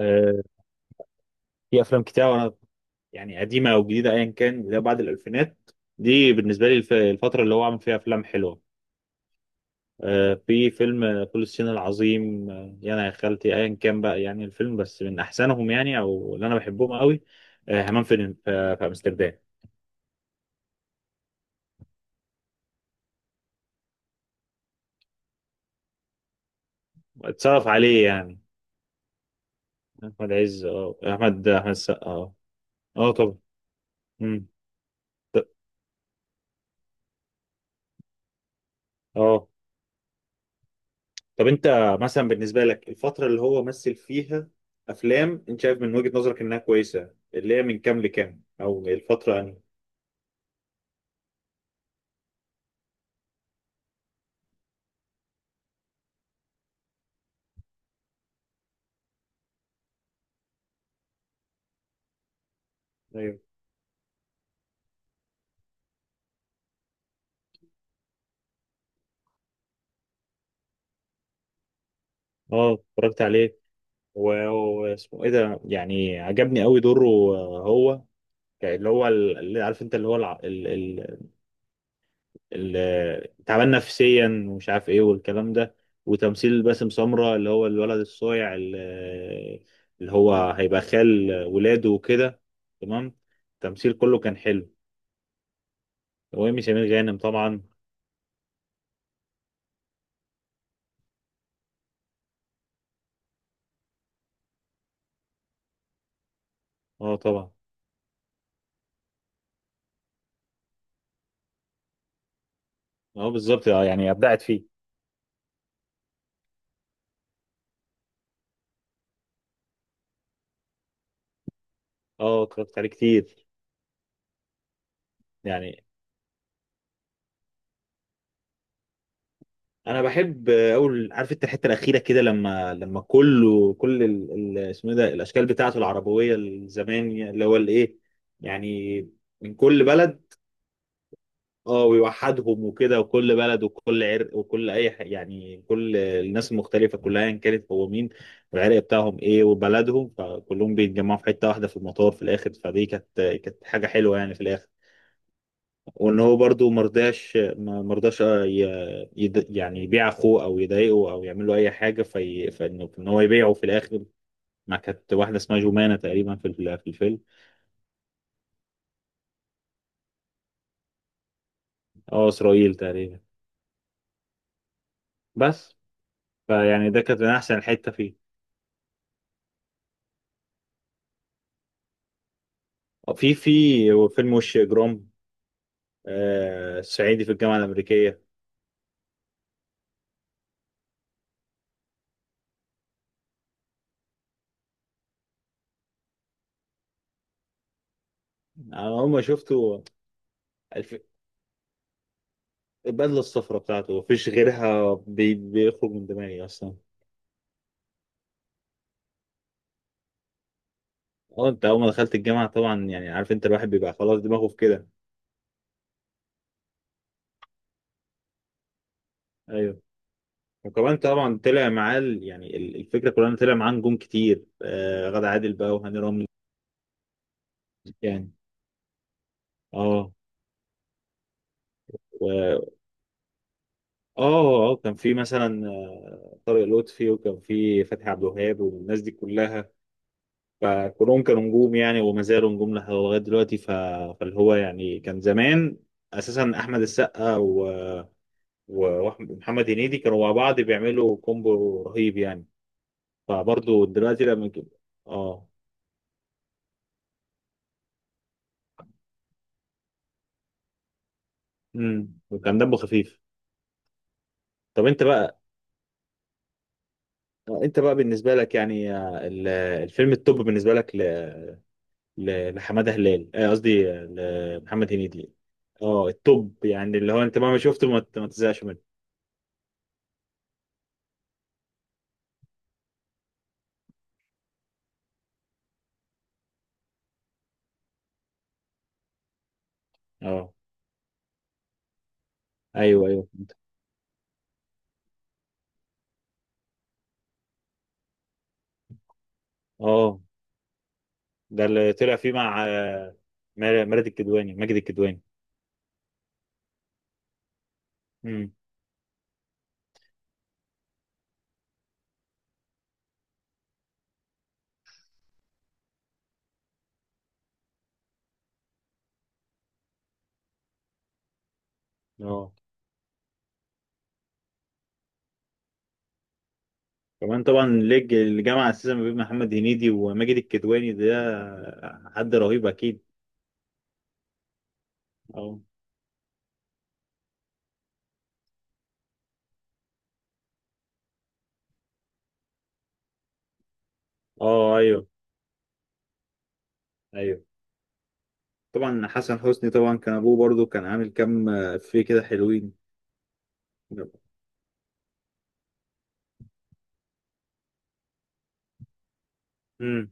آه، في افلام كتير وانا يعني قديمه او جديده ايا كان اللي هي بعد الالفينات دي بالنسبه لي الفتره اللي هو عامل فيها افلام حلوه. في فيلم فول الصين العظيم، يا انا يا خالتي ايا كان بقى يعني الفيلم بس من احسنهم يعني او اللي انا بحبهم قوي. همام في امستردام اتصرف عليه يعني. احمد عز، اه احمد السقا، اه اه طبعا. مم. اه طب انت مثلا بالنسبه لك الفتره اللي هو مثل فيها افلام انت شايف من وجهه نظرك انها كويسه اللي هي من كام لكام او الفتره يعني. ايوه اه اتفرجت عليه. واسمه ايه ده يعني عجبني قوي دوره. هو يعني اللي هو اللي عارف انت اللي هو تعبان نفسيا ومش عارف ايه والكلام ده. وتمثيل باسم سمرة اللي هو الولد الصايع اللي اللي هو هيبقى خال ولاده وكده. تمام، التمثيل كله كان حلو، وإيمي سمير غانم طبعا. اه طبعا، اه بالظبط، اه يعني ابدعت فيه. اه اتفرجت عليه كتير. يعني انا بحب اول، عارف انت الحته الاخيره كده لما كله اسمه إيه ده الاشكال بتاعته العربويه الزمان اللي هو الايه يعني، من كل بلد. اه ويوحدهم وكده وكل بلد وكل عرق وكل يعني كل الناس المختلفه كلها ان كانت هو مين والعرق بتاعهم ايه وبلدهم، فكلهم بيتجمعوا في حته واحده في المطار في الاخر. فدي كانت حاجه حلوه يعني في الاخر. وان هو برضو مرضاش مرضاش يعني يبيع اخوه او يضايقه او يعمل له اي حاجه، في فانه ان هو يبيعه في الاخر ما كانت واحده اسمها جمانه تقريبا في الفيلم. اه اسرائيل تقريبا بس. فيعني ده كانت من احسن الحته فيه. في فيلم وش اجرام، آه صعيدي في الجامعه الامريكيه. انا اول ما شفته الف- البدله الصفراء بتاعته مفيش غيرها، بيخرج من دماغي اصلا. اه انت اول ما دخلت الجامعه طبعا يعني عارف انت الواحد بيبقى خلاص دماغه في كده. ايوه وكمان طبعا طلع معاه يعني الفكره كلها إن طلع معاه نجوم كتير، آه غادة عادل بقى وهاني رمزي يعني. اه و اه، اه كان في مثلا طارق لطفي وكان في فتحي عبد الوهاب والناس دي كلها، فكلهم كانوا نجوم يعني وما زالوا نجوم لغايه دلوقتي. ف... فاللي هو يعني كان زمان اساسا احمد السقا و... ومحمد هنيدي كانوا مع بعض بيعملوا كومبو رهيب يعني. فبرضه دلوقتي لما اه. وكان دمه خفيف. طب انت بقى، انت بقى بالنسبه لك يعني الفيلم التوب بالنسبه لك لحماده هلال، قصدي لمحمد هنيدي. اه التوب يعني اللي هو انت مهما شفته ما تزهقش منه. اه ايوه ايوه، اه ده اللي طلع فيه مع مراد الكدواني، ماجد الكدواني. امم. اه كمان طبعا ليج الجامعه اساسا ما بين محمد هنيدي وماجد الكدواني ده حد رهيب اكيد. اه اه ايوه ايوه طبعا. حسن حسني طبعا كان ابوه برضو كان عامل كام افيه كده حلوين. امم.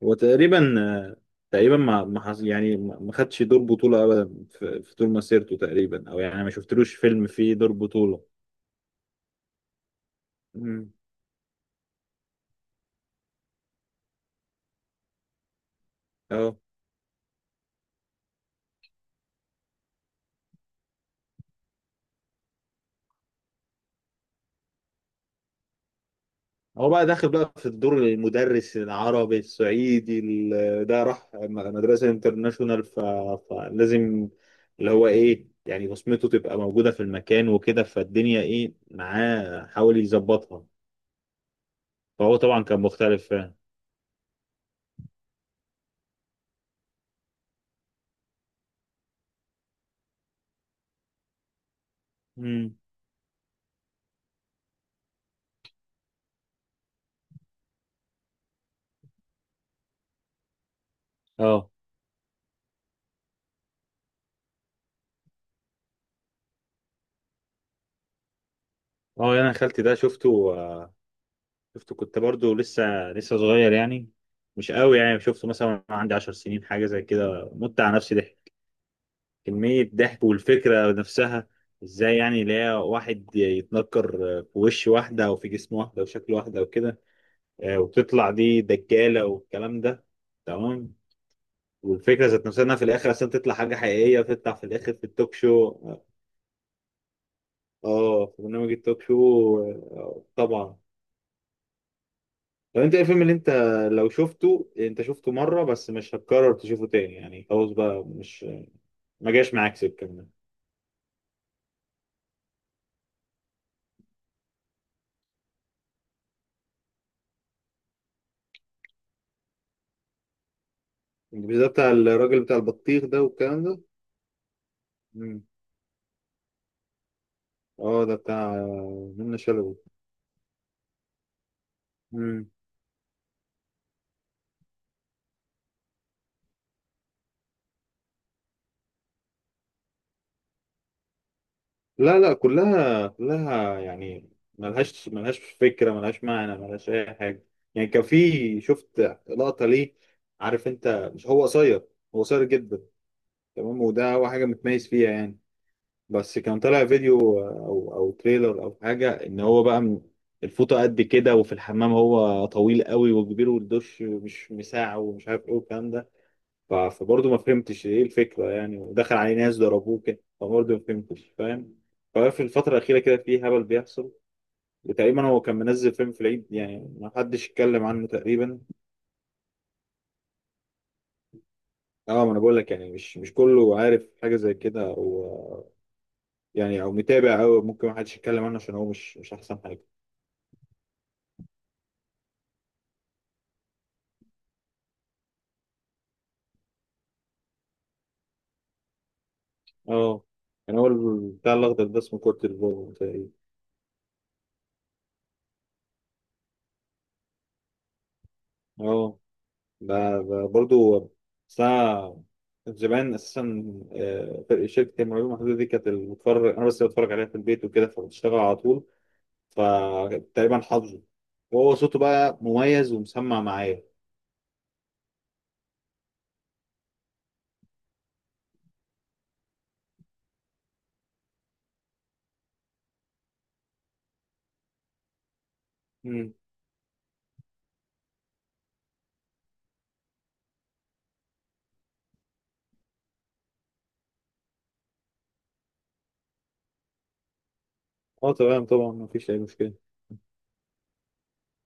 وتقريبا تقريبا ما ما حص- يعني ما خدش دور بطولة ابدا في طول مسيرته تقريبا، او يعني ما شفتلوش فيلم فيه دور بطولة. امم اه. هو بقى داخل بقى في الدور المدرس العربي الصعيدي ده راح مدرسة انترناشونال ف... فلازم اللي هو ايه يعني بصمته تبقى موجودة في المكان وكده، فالدنيا ايه معاه حاول يظبطها. فهو طبعا كان مختلف فعلا. امم اه. اه يعني انا خالتي ده شفته، شفته كنت برضو لسه صغير يعني. مش قوي يعني، شفته مثلا وأنا عندي عشر سنين حاجه زي كده، مت على نفسي ضحك، كميه ضحك. والفكره نفسها، ازاي يعني لا واحد يتنكر في وش واحده او في جسم واحده او شكل واحده او كده. وتطلع دي دجاله والكلام ده. تمام. والفكره ذات نفسها انها في الاخر اصلا تطلع حاجه حقيقيه، تطلع في الاخر في التوك شو. اه في برنامج التوك شو. طبعا. طب انت ايه الفيلم اللي انت لو شفته، انت شفته مره بس مش هتكرر تشوفه تاني يعني، خلاص بقى مش، ما جاش معاك سكه منه؟ بالذات بتاع الراجل بتاع البطيخ ده والكلام ده. مم. اه ده بتاع منة شلبي. مم. لا لا، كلها يعني فكره، ملهاش معنى، ملهاش اي حاجه يعني. كان في شفت لقطه ليه، عارف انت مش هو قصير؟ هو قصير جدا. تمام، وده هو حاجه متميز فيها يعني. بس كان طالع فيديو او تريلر او حاجه، ان هو بقى الفوطه قد كده وفي الحمام، هو طويل قوي وكبير والدش مش مساع ومش عارف ايه والكلام ده. فبرضه ما فهمتش ايه الفكره يعني، ودخل عليه ناس ضربوه كده فبرضه ما فهمتش، فاهم؟ ففي الفتره الاخيره كده في هبل بيحصل. وتقريبا هو كان منزل فيلم في العيد يعني ما حدش اتكلم عنه تقريبا. اه ما انا بقول لك يعني مش، مش كله عارف حاجه زي كده او يعني او متابع، او ممكن ما حدش يتكلم عنه عشان هو مش، مش احسن حاجه. اه يعني هو بتاع الأخضر ده اسمه كورتيزون تقريبا. اه ده برضه. بس أنا زمان أساسا، فرق شركة المعلومة المحدودة دي كانت اللي بتفرج أنا بس اللي بتفرج عليها في البيت وكده، فبتشتغل على طول. فتقريبا حافظه، وهو صوته بقى مميز ومسمع معايا. مم. اه تمام طبعا مفيش أي مشكلة.